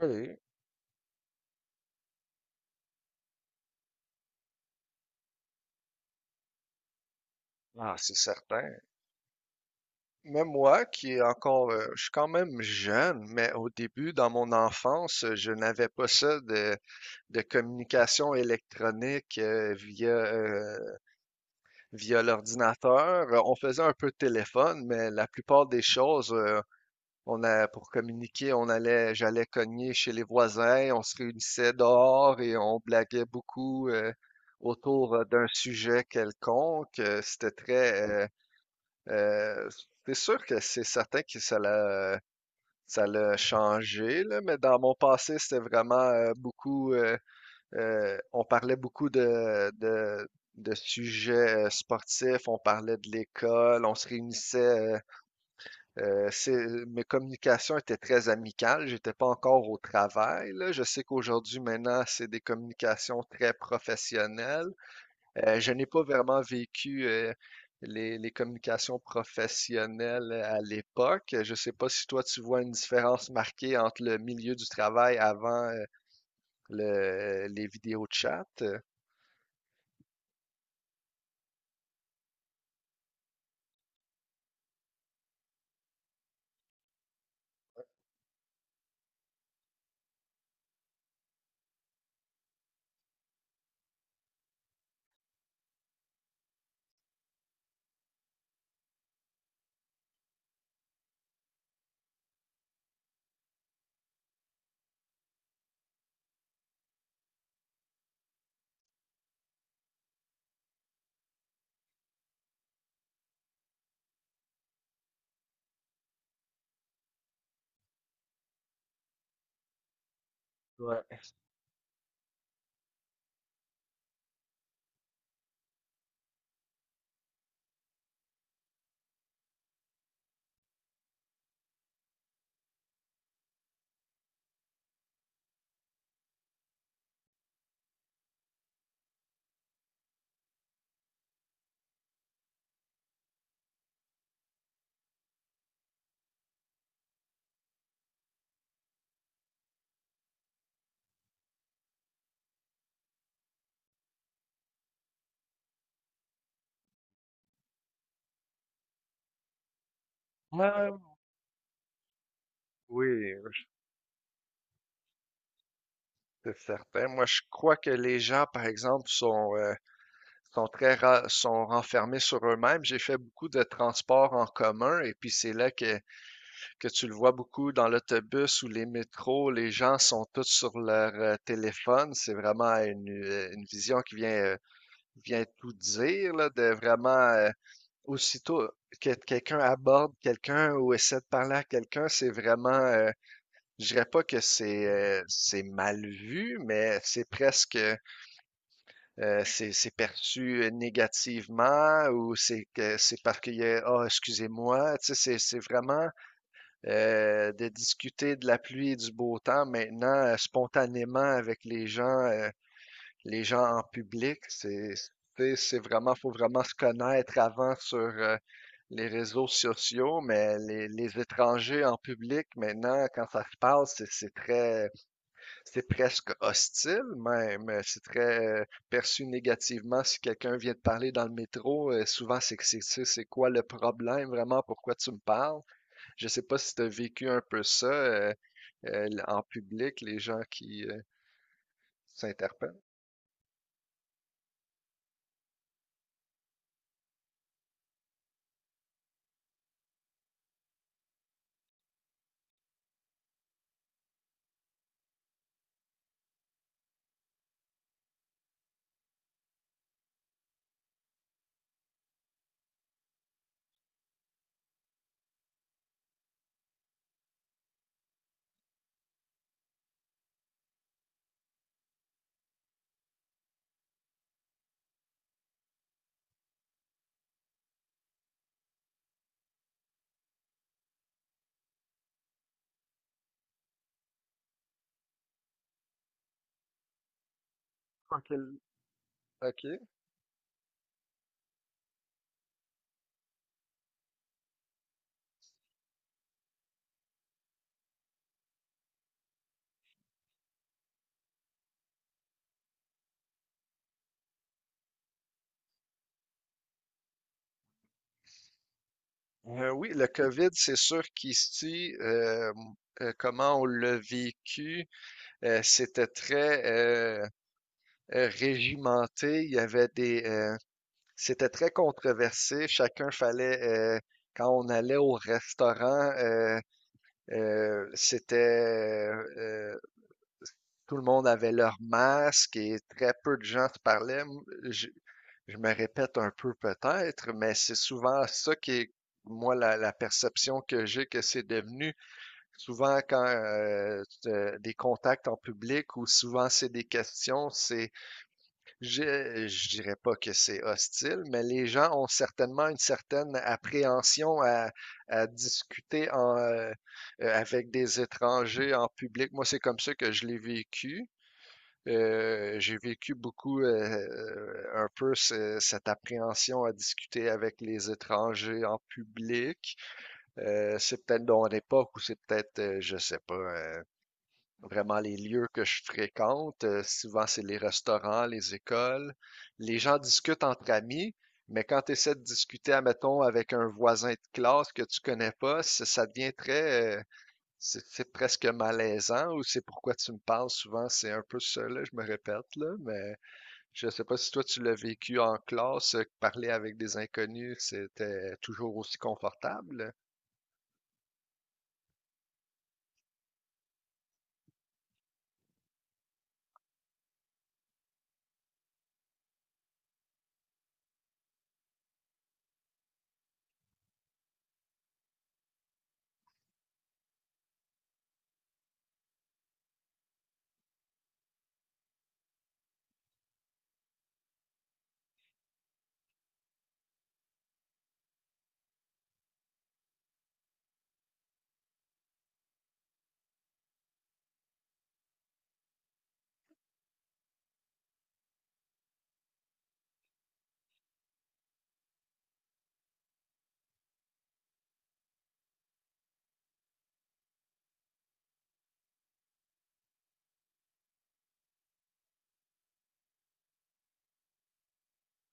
Oui, ah, c'est certain. Même moi, qui est encore, je suis quand même jeune, mais au début, dans mon enfance, je n'avais pas ça de communication électronique via, via l'ordinateur. On faisait un peu de téléphone, mais la plupart des choses, on a, pour communiquer, on allait, j'allais cogner chez les voisins, on se réunissait dehors et on blaguait beaucoup, autour d'un sujet quelconque. C'était très, Euh, c'est sûr que c'est certain que ça l'a changé, là, mais dans mon passé, c'était vraiment beaucoup. On parlait beaucoup de sujets sportifs, on parlait de l'école, on se réunissait. Mes communications étaient très amicales. J'étais pas encore au travail, là. Je sais qu'aujourd'hui, maintenant, c'est des communications très professionnelles. Je n'ai pas vraiment vécu les communications professionnelles à l'époque. Je ne sais pas si toi, tu vois une différence marquée entre le milieu du travail avant les vidéos de chat. Ouais, oui, c'est certain. Moi, je crois que les gens, par exemple, sont, sont renfermés sur eux-mêmes. J'ai fait beaucoup de transports en commun et puis c'est là que tu le vois beaucoup dans l'autobus ou les métros, les gens sont tous sur leur téléphone. C'est vraiment une vision qui vient, vient tout dire, là, de vraiment aussitôt que quelqu'un aborde quelqu'un ou essaie de parler à quelqu'un, c'est vraiment, je dirais pas que c'est mal vu, mais c'est presque c'est perçu négativement ou c'est que c'est parce qu'il y a, ah, excusez-moi, tu sais, c'est vraiment de discuter de la pluie et du beau temps maintenant spontanément avec les gens en public. C'est vraiment, faut vraiment se connaître avant sur les réseaux sociaux, mais les étrangers en public maintenant, quand ça se parle, c'est très, c'est presque hostile même. C'est très perçu négativement si quelqu'un vient de parler dans le métro. Souvent, c'est que c'est quoi le problème vraiment? Pourquoi tu me parles? Je sais pas si tu as vécu un peu ça en public, les gens qui s'interpellent. En quel- OK. Oui, le COVID, c'est sûr qu'ici, comment on l'a vécu, c'était très régimenté. Il y avait des, c'était très controversé. Chacun fallait, euh, quand on allait au restaurant, c'était euh, tout le monde avait leur masque et très peu de gens se parlaient. Je, je me répète un peu peut-être, mais c'est souvent ça qui est, moi, la perception que j'ai que c'est devenu. Souvent, quand des contacts en public ou souvent c'est des questions, c'est, je dirais pas que c'est hostile, mais les gens ont certainement une certaine appréhension à discuter en, avec des étrangers en public. Moi, c'est comme ça que je l'ai vécu. J'ai vécu beaucoup un peu cette appréhension à discuter avec les étrangers en public. C'est peut-être dans l'époque ou c'est peut-être, je sais pas, vraiment les lieux que je fréquente. Souvent, c'est les restaurants, les écoles. Les gens discutent entre amis, mais quand tu essaies de discuter, admettons, avec un voisin de classe que tu connais pas, ça devient très, c'est presque malaisant ou c'est pourquoi tu me parles souvent, c'est un peu ça, là, je me répète, là, mais je sais pas si toi tu l'as vécu en classe, que parler avec des inconnus, c'était toujours aussi confortable.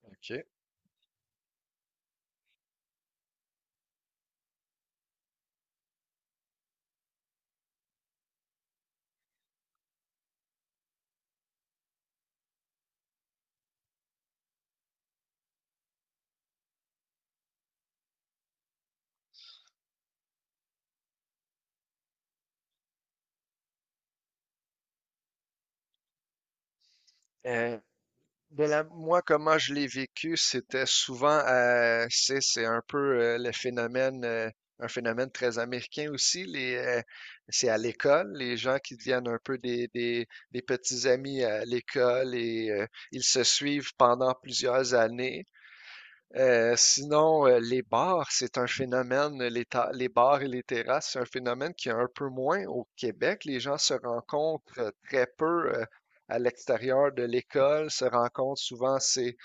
OK. Euh, de la moi, comment je l'ai vécu, c'était souvent, c'est un peu le phénomène, un phénomène très américain aussi. Les, c'est à l'école, les gens qui deviennent un peu des petits amis à l'école et ils se suivent pendant plusieurs années. Sinon, les bars, c'est un phénomène, les bars et les terrasses, c'est un phénomène qui est un peu moins au Québec. Les gens se rencontrent très peu à l'extérieur de l'école, se rencontrent souvent, c'est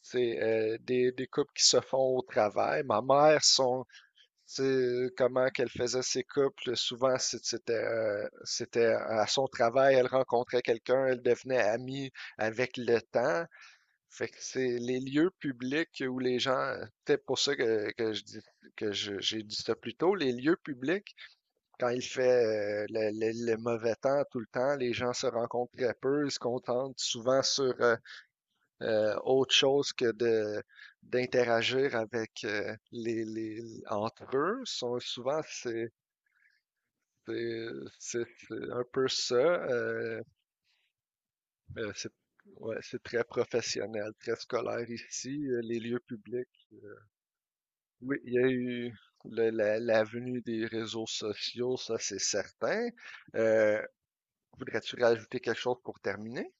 c'est, euh, des, des couples qui se font au travail. Ma mère, c'est comment qu'elle faisait ses couples, souvent c'était c'était à son travail, elle rencontrait quelqu'un, elle devenait amie avec le temps. Fait que c'est les lieux publics où les gens, peut-être pour ça que je dis que j'ai dit ça plus tôt, les lieux publics, quand il fait le mauvais temps tout le temps, les gens se rencontrent très peu, ils se contentent souvent sur autre chose que de d'interagir avec les entre eux. Sont, souvent c'est c'est un peu ça. C'est Ouais, c'est très professionnel, très scolaire ici, les lieux publics. Oui, il y a eu la venue des réseaux sociaux, ça c'est certain. Euh, voudrais-tu rajouter quelque chose pour terminer?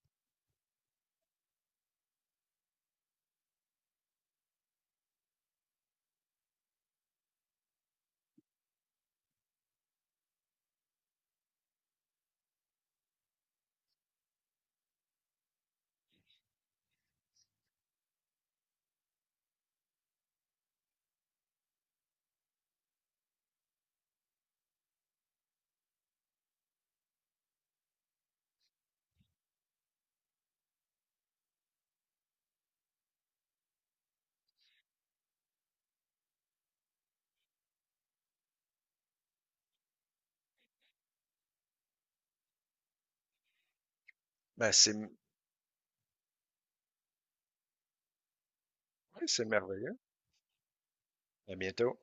Ben, c'est, oui, c'est merveilleux. À bientôt.